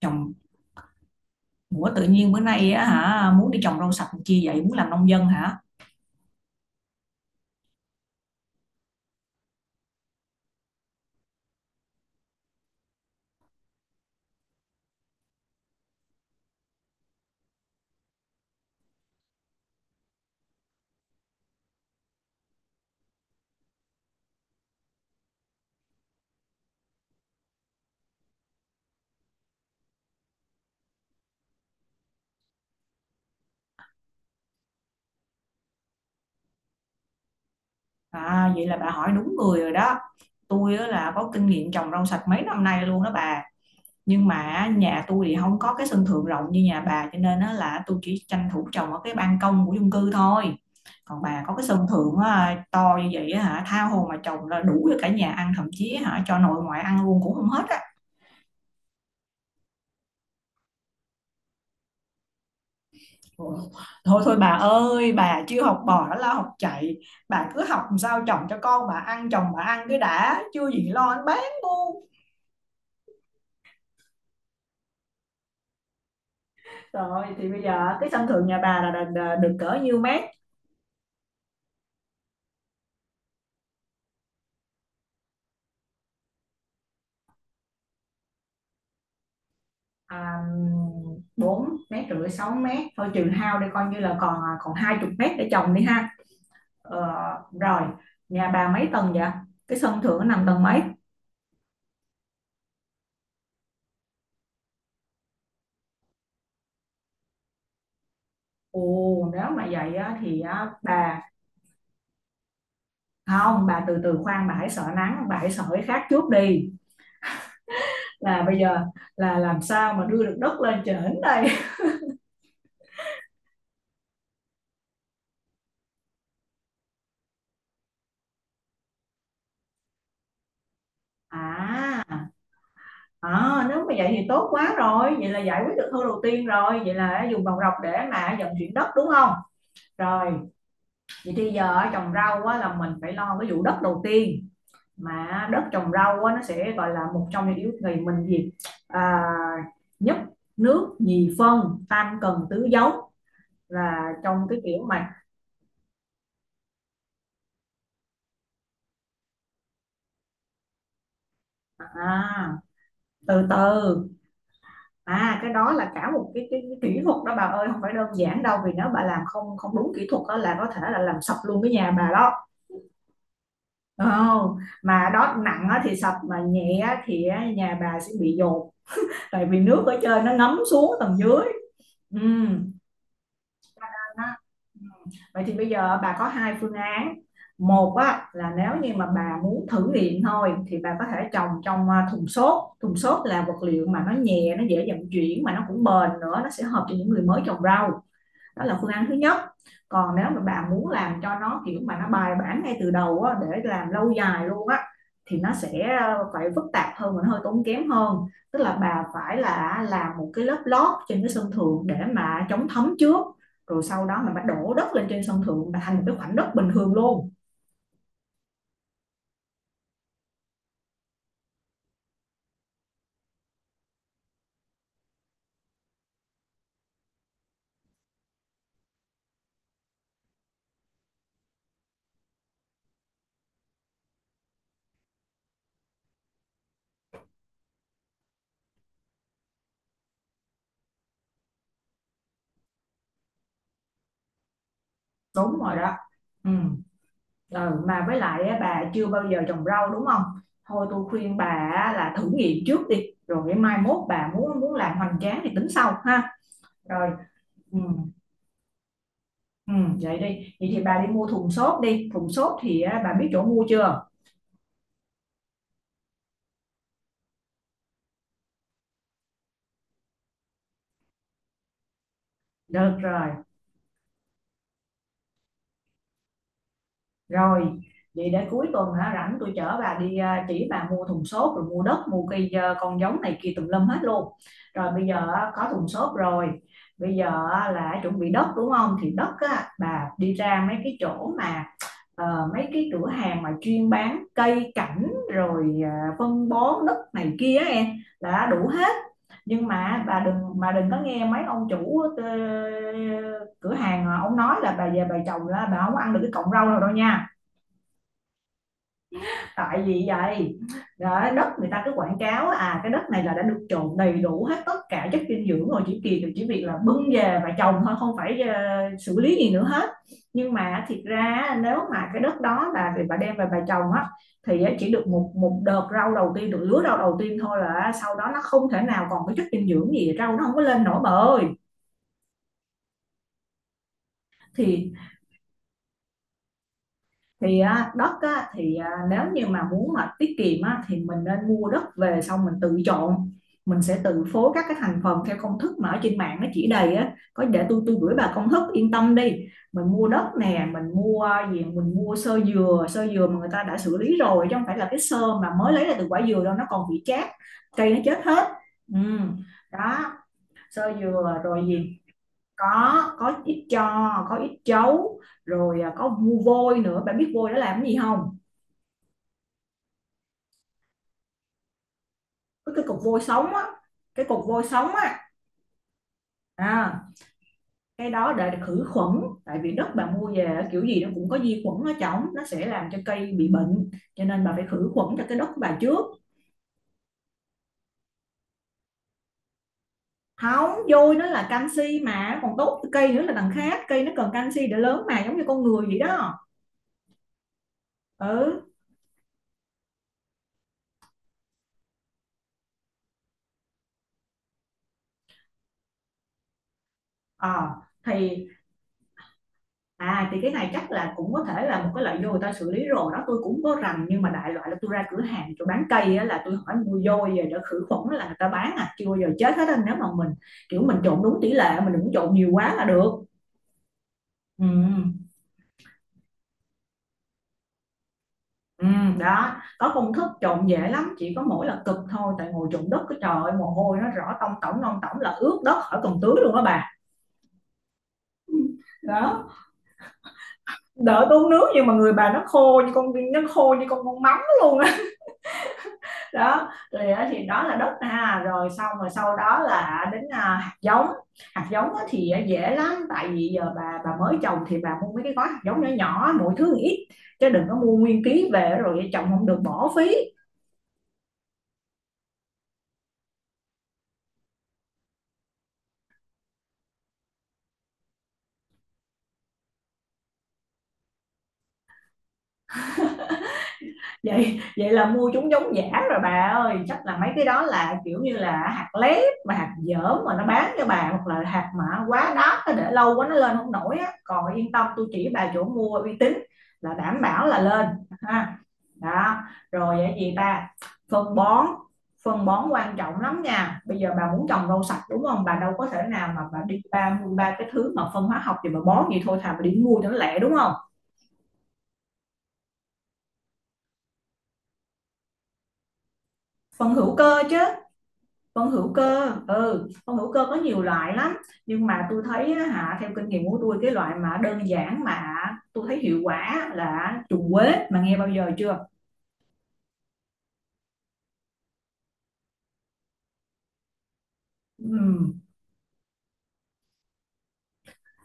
Trồng. Ủa tự nhiên bữa nay á hả, muốn đi trồng rau sạch chi vậy, muốn làm nông dân hả? À, vậy là bà hỏi đúng người rồi đó. Tôi á là có kinh nghiệm trồng rau sạch mấy năm nay luôn đó bà. Nhưng mà á, nhà tôi thì không có cái sân thượng rộng như nhà bà, cho nên á là tôi chỉ tranh thủ trồng ở cái ban công của chung cư thôi. Còn bà có cái sân thượng á, to như vậy á hả, tha hồ mà trồng, là đủ cho cả nhà ăn, thậm chí hả cho nội ngoại ăn luôn cũng không hết á. Ủa, thôi thôi bà ơi, bà chưa học bò đã lo học chạy. Bà cứ học làm sao chồng cho con bà ăn, chồng bà ăn cái đã, chưa gì lo anh bán luôn. Rồi thì bây giờ cái sân thượng nhà bà là được cỡ nhiêu mét? À, 4 mét rưỡi 6 mét thôi, trừ hao đây coi như là còn còn hai chục mét để trồng đi ha. Ờ, rồi, nhà bà mấy tầng vậy? Cái sân thượng nó nằm tầng mấy? Ồ, nếu mà vậy á, thì á, bà, không bà từ từ, khoan bà hãy sợ nắng, bà hãy sợ cái khác trước đi, là bây giờ là làm sao mà đưa được đất lên trển đây. À, à nếu mà vậy thì tốt quá rồi, vậy là giải quyết được khâu đầu tiên rồi, vậy là dùng vòng rọc để mà vận chuyển đất đúng không? Rồi, vậy thì giờ trồng rau á, là mình phải lo cái vụ đất đầu tiên. Mà đất trồng rau á, nó sẽ gọi là một trong những yếu thì mình gì, à, nhất nước nhì phân tam cần tứ dấu, là trong cái kiểu mà, à, từ từ. À cái đó là cả một cái kỹ thuật đó bà ơi, không phải đơn giản đâu, vì nếu bà làm không không đúng kỹ thuật đó, là có thể là làm sập luôn cái nhà bà đó. oh, mà đó nặng á thì sập, mà nhẹ á thì á, nhà bà sẽ bị dột, tại vì nước ở trên nó ngấm xuống tầng dưới. Ừm. Đó. Ừ. Vậy thì bây giờ bà có hai phương án. Một á, là nếu như mà bà muốn thử nghiệm thôi thì bà có thể trồng trong à, thùng xốp. Thùng xốp là vật liệu mà nó nhẹ, nó dễ vận chuyển mà nó cũng bền nữa, nó sẽ hợp cho những người mới trồng rau. Đó là phương án thứ nhất. Còn nếu mà bà muốn làm cho nó kiểu mà nó bài bản ngay từ đầu á, để làm lâu dài luôn á, thì nó sẽ phải phức tạp hơn và hơi tốn kém hơn. Tức là bà phải là làm một cái lớp lót trên cái sân thượng để mà chống thấm trước, rồi sau đó mình bắt đổ đất lên trên sân thượng là thành một cái khoảnh đất bình thường luôn. Đúng rồi đó. Ừ. Ừ, mà với lại á, bà chưa bao giờ trồng rau đúng không? Thôi tôi khuyên bà á, là thử nghiệm trước đi rồi mai mốt bà muốn muốn làm hoành tráng thì tính sau ha. Rồi. Ừm, vậy đi, vậy thì bà đi mua thùng xốp đi, thùng xốp thì á, bà biết chỗ mua chưa? Được rồi, rồi, vậy để cuối tuần hả rảnh tôi chở bà đi à, chỉ bà mua thùng xốp rồi mua đất, mua cây à, con giống này kia tùm lum hết luôn. Rồi bây giờ á, có thùng xốp rồi, bây giờ á, là chuẩn bị đất đúng không? Thì đất á, bà đi ra mấy cái chỗ mà, ờ, mấy cái cửa hàng mà chuyên bán cây cảnh rồi à, phân bón đất này kia á em, là đã đủ hết. Nhưng mà bà đừng, mà đừng có nghe mấy ông chủ cửa hàng ông nói là bà về bà trồng là bà không có ăn được cái cọng rau nào đâu nha. Tại vì vậy đó, đất người ta cứ quảng cáo à cái đất này là đã được trộn đầy đủ hết tất cả chất dinh dưỡng rồi, chỉ kỳ được chỉ việc là bưng về và trồng thôi, không phải xử lý gì nữa hết. Nhưng mà thiệt ra nếu mà cái đất đó là bà đem về bà trồng á, thì chỉ được một một đợt rau đầu tiên, được lứa rau đầu tiên thôi, là sau đó nó không thể nào còn cái chất dinh dưỡng gì, rau nó không có lên nổi bà. thì thì á, đất á, thì à, nếu như mà muốn mà tiết kiệm á, thì mình nên mua đất về xong mình tự chọn, mình sẽ tự phối các cái thành phần theo công thức mà ở trên mạng nó chỉ đầy á, có để tôi gửi bà công thức, yên tâm đi. Mình mua đất nè, mình mua gì, mình mua sơ dừa, sơ dừa mà người ta đã xử lý rồi chứ không phải là cái sơ mà mới lấy ra từ quả dừa đâu, nó còn bị chát, cây nó chết hết. Ừ. Đó, sơ dừa rồi gì, có ít cho, có ít chấu rồi à, có vu vôi nữa, bạn biết vôi nó làm cái gì không? Cái cục vôi sống á, cái cục vôi sống á. À, cái đó để khử khuẩn, tại vì đất bạn mua về kiểu gì nó cũng có vi khuẩn ở trong, nó sẽ làm cho cây bị bệnh, cho nên bà phải khử khuẩn cho cái đất của bà trước. Không, vôi nó là canxi mà còn tốt cho cây nữa là đằng khác, cây nó cần canxi để lớn mà, giống như con người vậy đó. Ừ. ờ thì, à thì cái này chắc là cũng có thể là một cái loại vô người ta xử lý rồi đó, tôi cũng có rành, nhưng mà đại loại là tôi ra cửa hàng chỗ bán cây á, là tôi hỏi mua vô về để khử khuẩn là người ta bán à, chưa bao giờ chết hết á, nếu mà mình kiểu mình trộn đúng tỷ lệ, mình đừng trộn nhiều quá là được. Ừ, ừ, đó, có công thức trộn dễ lắm, chỉ có mỗi là cực thôi, tại ngồi trộn đất cái trời ơi, mồ hôi nó rõ tông tổng non tổng là ướt đất khỏi còn tưới luôn đó bà. Đó, đợi tôi nước, nhưng mà người bà nó khô như con, nó khô như con mắm luôn á. Đó rồi đó, thì đó là đất ha, rồi xong rồi sau đó là đến à, hạt giống. Hạt giống thì à, dễ lắm, tại vì giờ bà mới trồng thì bà mua mấy cái gói hạt giống nhỏ nhỏ mỗi thứ ít, chứ đừng có mua nguyên ký về rồi trồng không được bỏ phí. Vậy, vậy là mua chúng giống giả rồi bà ơi, chắc là mấy cái đó là kiểu như là hạt lép mà hạt dởm mà nó bán cho bà, hoặc là hạt mà quá đắt nó để lâu quá nó lên không nổi á, còn yên tâm tôi chỉ bà chỗ mua uy tín là đảm bảo là lên ha. Đó, rồi vậy gì ta, phân bón. Phân bón quan trọng lắm nha, bây giờ bà muốn trồng rau sạch đúng không, bà đâu có thể nào mà bà đi ba mua ba cái thứ mà phân hóa học, thì bà bón gì, thôi thà bà đi mua cho nó lẹ đúng không. Phân hữu cơ chứ, phân hữu cơ ừ, phân hữu cơ có nhiều loại lắm. Nhưng mà tôi thấy hả, theo kinh nghiệm của tôi cái loại mà đơn giản mà tôi thấy hiệu quả là trùng quế, mà nghe bao giờ chưa? Ừ,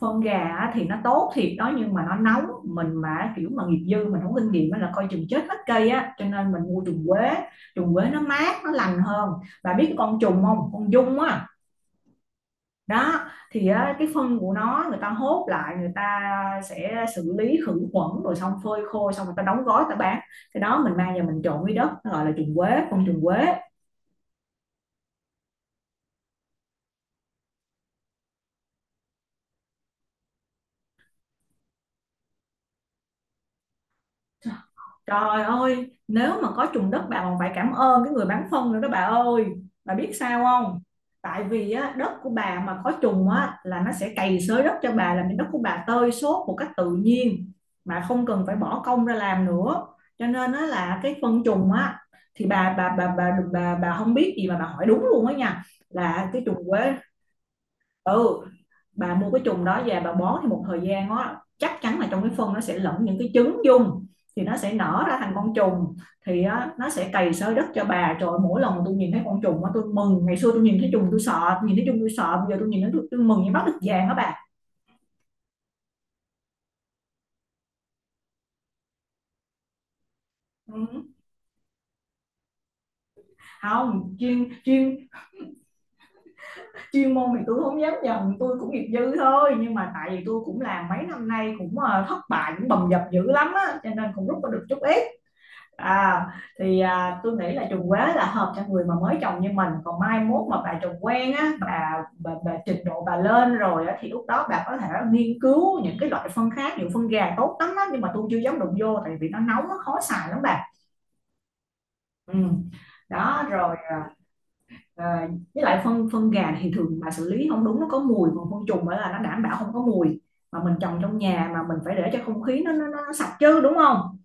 phân gà thì nó tốt thiệt đó, nhưng mà nó nóng, mình mà kiểu mà nghiệp dư mình không kinh nghiệm á là coi chừng chết hết cây á, cho nên mình mua trùng quế. Trùng quế nó mát nó lành hơn. Bà biết cái con trùng không, con dung á? Đó, thì cái phân của nó người ta hốt lại, người ta sẽ xử lý khử khuẩn rồi xong phơi khô xong người ta đóng gói người ta bán, cái đó mình mang về mình trộn với đất, nó gọi là trùng quế, con trùng quế. Trời ơi, nếu mà có trùng đất bà còn phải cảm ơn cái người bán phân nữa đó bà ơi. Bà biết sao không? Tại vì á, đất của bà mà có trùng á, là nó sẽ cày xới đất cho bà, làm cho đất của bà tơi xốp một cách tự nhiên, mà không cần phải bỏ công ra làm nữa. Cho nên á, là cái phân trùng á, thì bà không biết gì mà bà hỏi đúng luôn á nha, là cái trùng quế. Ừ, bà mua cái chùm đó về bà bón thì một thời gian á, chắc chắn là trong cái phân nó sẽ lẫn những cái trứng dung, thì nó sẽ nở ra thành con trùng, thì nó sẽ cày xới đất cho bà. Trời, mỗi lần mà tôi nhìn thấy con trùng á tôi mừng, ngày xưa tôi nhìn thấy trùng tôi sợ, nhìn thấy trùng tôi sợ, bây giờ tôi nhìn thấy tôi mừng như bắt được vàng đó bà. Ừ. không chuyên chuyên Chuyên môn thì tôi không dám nhận, tôi cũng nghiệp dư thôi, nhưng mà tại vì tôi cũng làm mấy năm nay cũng thất bại cũng bầm dập dữ lắm á cho nên cũng rút ra được chút ít. À, thì à, tôi nghĩ là trùng quế là hợp cho người mà mới chồng như mình, còn mai mốt mà bà chồng quen á, bà trình độ bà lên rồi á thì lúc đó bà có thể nghiên cứu những cái loại phân khác, nhiều phân gà tốt lắm đó, nhưng mà tôi chưa dám đụng vô tại vì nó nóng, nó khó xài lắm bà. Ừ. Đó rồi à, à, với lại phân phân gà thì thường mà xử lý không đúng nó có mùi, còn phân trùng á là nó đảm bảo không có mùi, mà mình trồng trong nhà mà mình phải để cho không khí nó sạch chứ đúng không?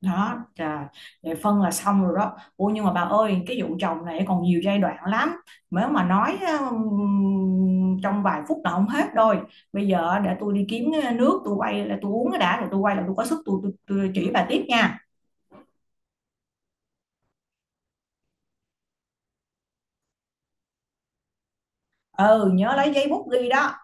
Đó trời, vậy phân là xong rồi đó. Ủa nhưng mà bà ơi, cái vụ chồng này còn nhiều giai đoạn lắm, nếu mà nói trong vài phút là không hết rồi. Bây giờ để tôi đi kiếm cái nước tôi quay là tôi uống cái đã, rồi tôi quay là tôi có sức, tôi chỉ bà tiếp nha. Ừ nhớ lấy giấy bút ghi đó.